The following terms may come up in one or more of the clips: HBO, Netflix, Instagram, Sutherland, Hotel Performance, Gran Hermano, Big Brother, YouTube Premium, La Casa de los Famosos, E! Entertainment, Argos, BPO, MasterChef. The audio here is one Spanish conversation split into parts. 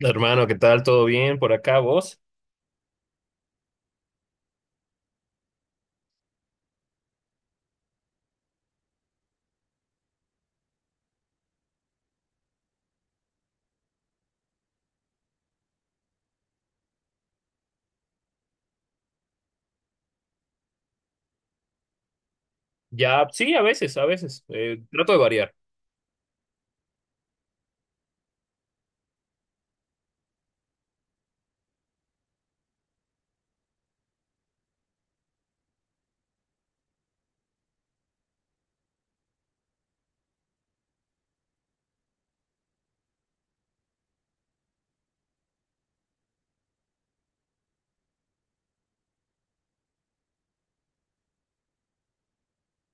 Hermano, ¿qué tal? ¿Todo bien por acá, vos? Ya, sí, a veces, a veces. Trato de variar.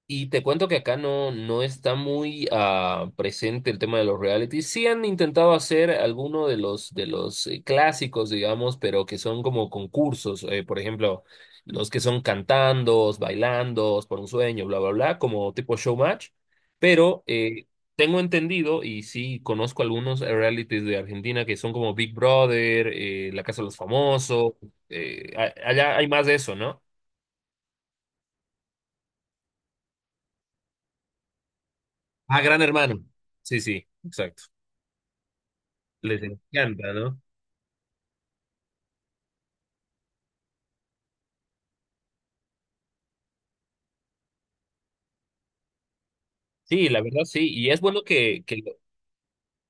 Y te cuento que acá no, no está muy presente el tema de los realities. Sí han intentado hacer alguno de los clásicos, digamos, pero que son como concursos. Por ejemplo, los que son cantandos, bailandos, por un sueño, bla, bla, bla, como tipo showmatch. Pero eh, Tengo entendido, y sí conozco algunos realities de Argentina que son como Big Brother, La Casa de los Famosos. Allá hay más de eso, ¿no? Ah, Gran Hermano. Sí, sí, exacto. Les encanta, ¿no? Sí, la verdad sí, y es bueno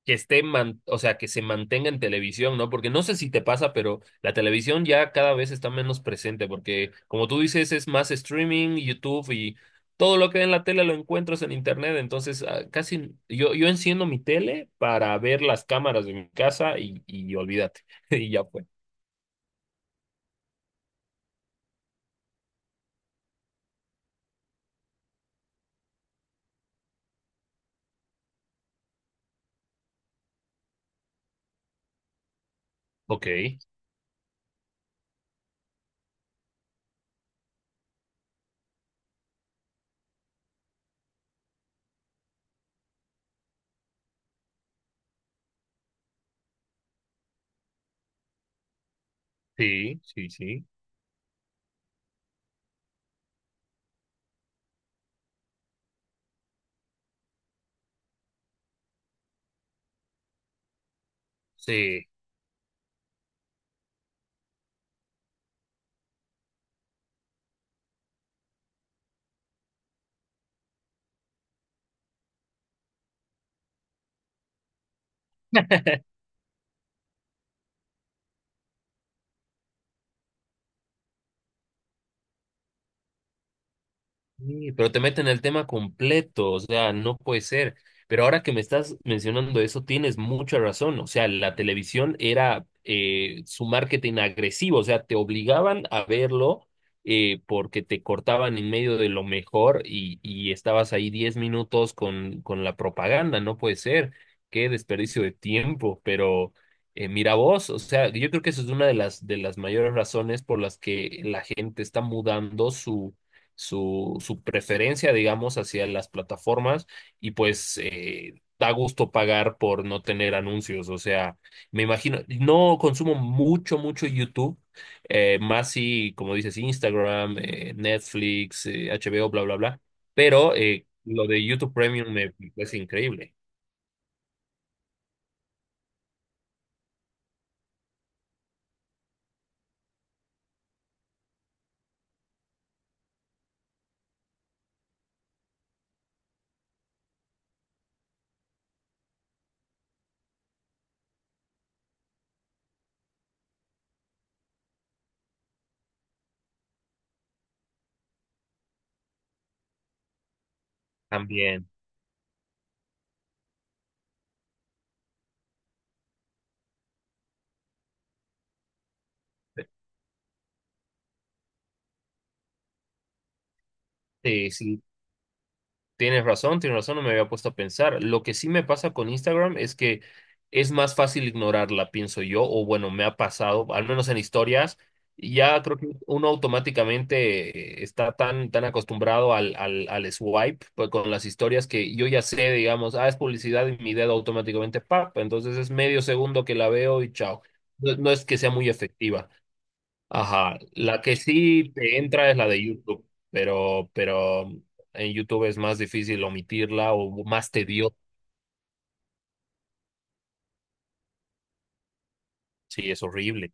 que esté, o sea, que se mantenga en televisión, ¿no? Porque no sé si te pasa, pero la televisión ya cada vez está menos presente, porque como tú dices, es más streaming, YouTube y todo lo que hay en la tele lo encuentras en internet, entonces casi yo, yo enciendo mi tele para ver las cámaras de mi casa y olvídate, y ya fue. Ok, sí, sí, sí. Sí. Sí, pero te meten el tema completo, o sea, no puede ser. Pero ahora que me estás mencionando eso, tienes mucha razón. O sea, la televisión era su marketing agresivo, o sea, te obligaban a verlo porque te cortaban en medio de lo mejor y estabas ahí 10 minutos con la propaganda, no puede ser. Qué desperdicio de tiempo, pero mira vos, o sea, yo creo que eso es una de las mayores razones por las que la gente está mudando su preferencia, digamos, hacia las plataformas y pues da gusto pagar por no tener anuncios. O sea, me imagino, no consumo mucho, mucho YouTube, más si, como dices, Instagram, Netflix, HBO, bla, bla, bla, pero lo de YouTube Premium me parece increíble también. Sí, sí, tienes razón, tienes razón, no me había puesto a pensar. Lo que sí me pasa con Instagram es que es más fácil ignorarla, pienso yo, o bueno, me ha pasado, al menos en historias, ya creo que uno automáticamente está tan, tan acostumbrado al swipe pues, con las historias que yo ya sé, digamos, ah, es publicidad y mi dedo automáticamente, pap, entonces es medio segundo que la veo y chao. No, no es que sea muy efectiva. Ajá, la que sí te entra es la de YouTube, pero en YouTube es más difícil omitirla o más tedioso. Sí, es horrible.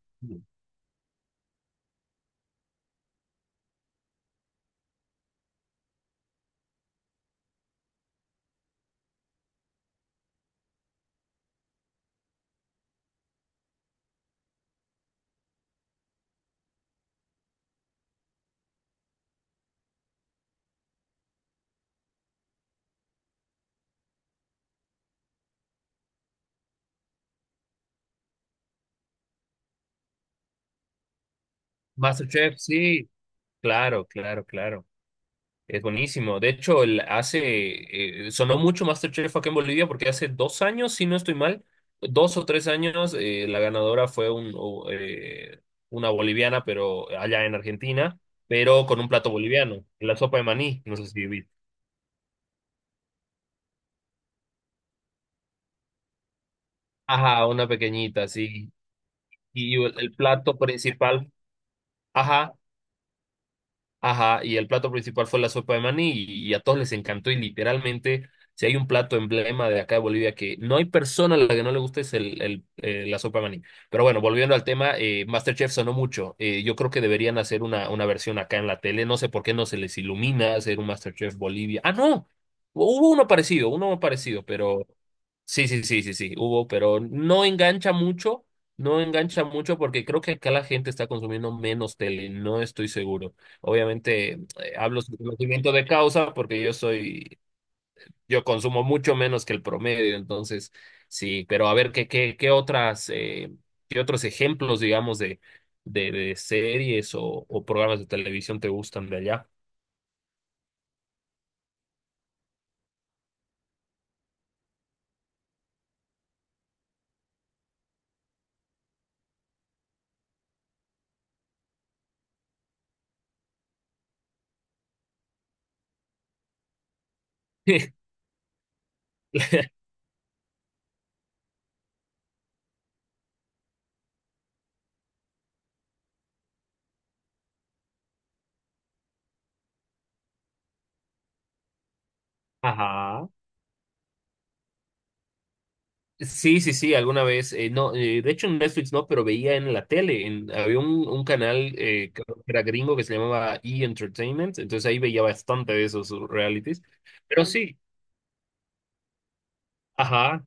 MasterChef, sí, claro, claro, claro. Es buenísimo. De hecho, hace, sonó mucho MasterChef acá en Bolivia porque hace 2 años, si no estoy mal, 2 o 3 años, la ganadora fue una boliviana, pero allá en Argentina, pero con un plato boliviano, la sopa de maní, no sé si viste. Ajá, una pequeñita, sí. Y el plato principal, ajá, ajá, y el plato principal fue la sopa de maní y a todos les encantó y literalmente, si hay un plato emblema de acá de Bolivia que no hay persona a la que no le guste es la sopa de maní. Pero bueno, volviendo al tema, MasterChef sonó mucho. Yo creo que deberían hacer una versión acá en la tele. No sé por qué no se les ilumina hacer un MasterChef Bolivia. Ah, no, hubo uno parecido, pero... Sí, sí, sí, sí, sí, hubo, pero no engancha mucho, no engancha mucho porque creo que acá la gente está consumiendo menos tele, no estoy seguro. Obviamente, hablo sin conocimiento de causa porque yo soy, yo consumo mucho menos que el promedio, entonces sí, pero a ver qué otras, qué otros ejemplos, digamos, de series o programas de televisión te gustan de allá. Ajá. Sí, sí, sí, alguna vez, no, de hecho en Netflix no, pero veía en la tele, en, había un canal creo que era gringo que se llamaba E! Entertainment, entonces ahí veía bastante de esos realities, pero sí, ajá.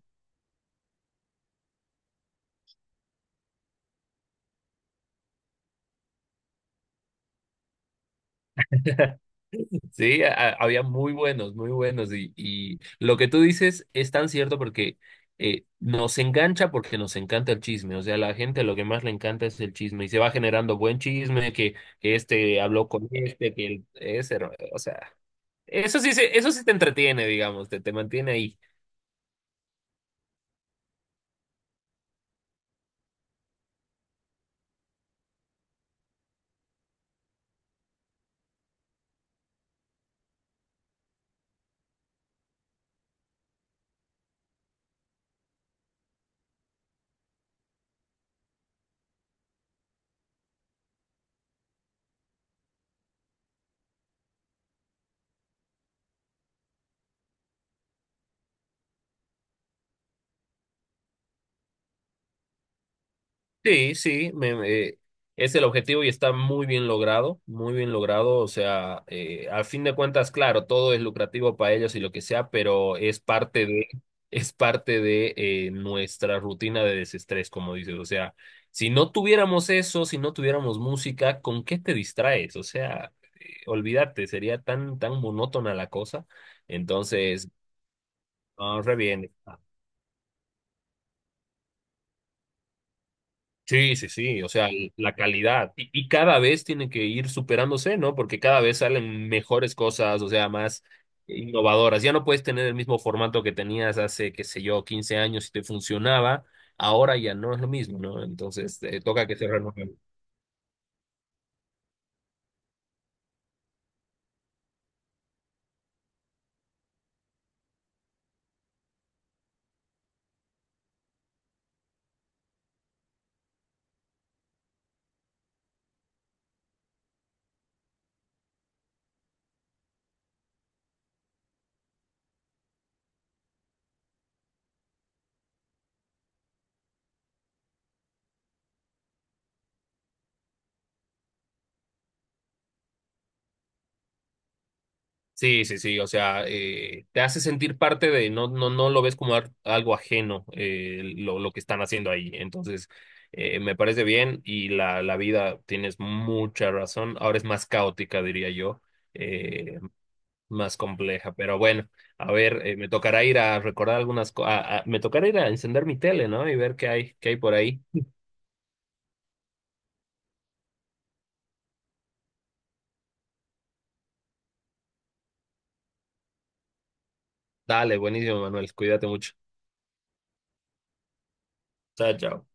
Sí, había muy buenos, muy buenos. Y lo que tú dices es tan cierto porque nos engancha porque nos encanta el chisme. O sea, a la gente lo que más le encanta es el chisme y se va generando buen chisme, que este habló con este, ese, o sea, eso sí, se, eso sí te entretiene, digamos, te mantiene ahí. Sí, sí, es el objetivo y está muy bien logrado, muy bien logrado. O sea, a fin de cuentas, claro, todo es lucrativo para ellos y lo que sea, pero es parte de, es parte de nuestra rutina de desestrés, como dices. O sea, si no tuviéramos eso, si no tuviéramos música, ¿con qué te distraes? O sea, olvídate, sería tan, tan monótona la cosa. Entonces, no, re bien. Sí, sí, sí, o sea, la calidad. Y cada vez tiene que ir superándose, ¿no? Porque cada vez salen mejores cosas, o sea, más innovadoras. Ya no puedes tener el mismo formato que tenías hace, qué sé yo, 15 años y te funcionaba. Ahora ya no es lo mismo, ¿no? Entonces, toca que se renueve. Sí, sí, sí, o sea, te hace sentir parte de, no, no, no lo ves como algo ajeno lo que están haciendo ahí. Entonces, me parece bien y la vida, tienes mucha razón, ahora es más caótica, diría yo, eh, más compleja, pero bueno, a ver, me tocará ir a recordar algunas cosas, me tocará ir a encender mi tele, ¿no? Y ver qué hay por ahí. Dale, buenísimo, Manuel, cuídate mucho. Chao, chao.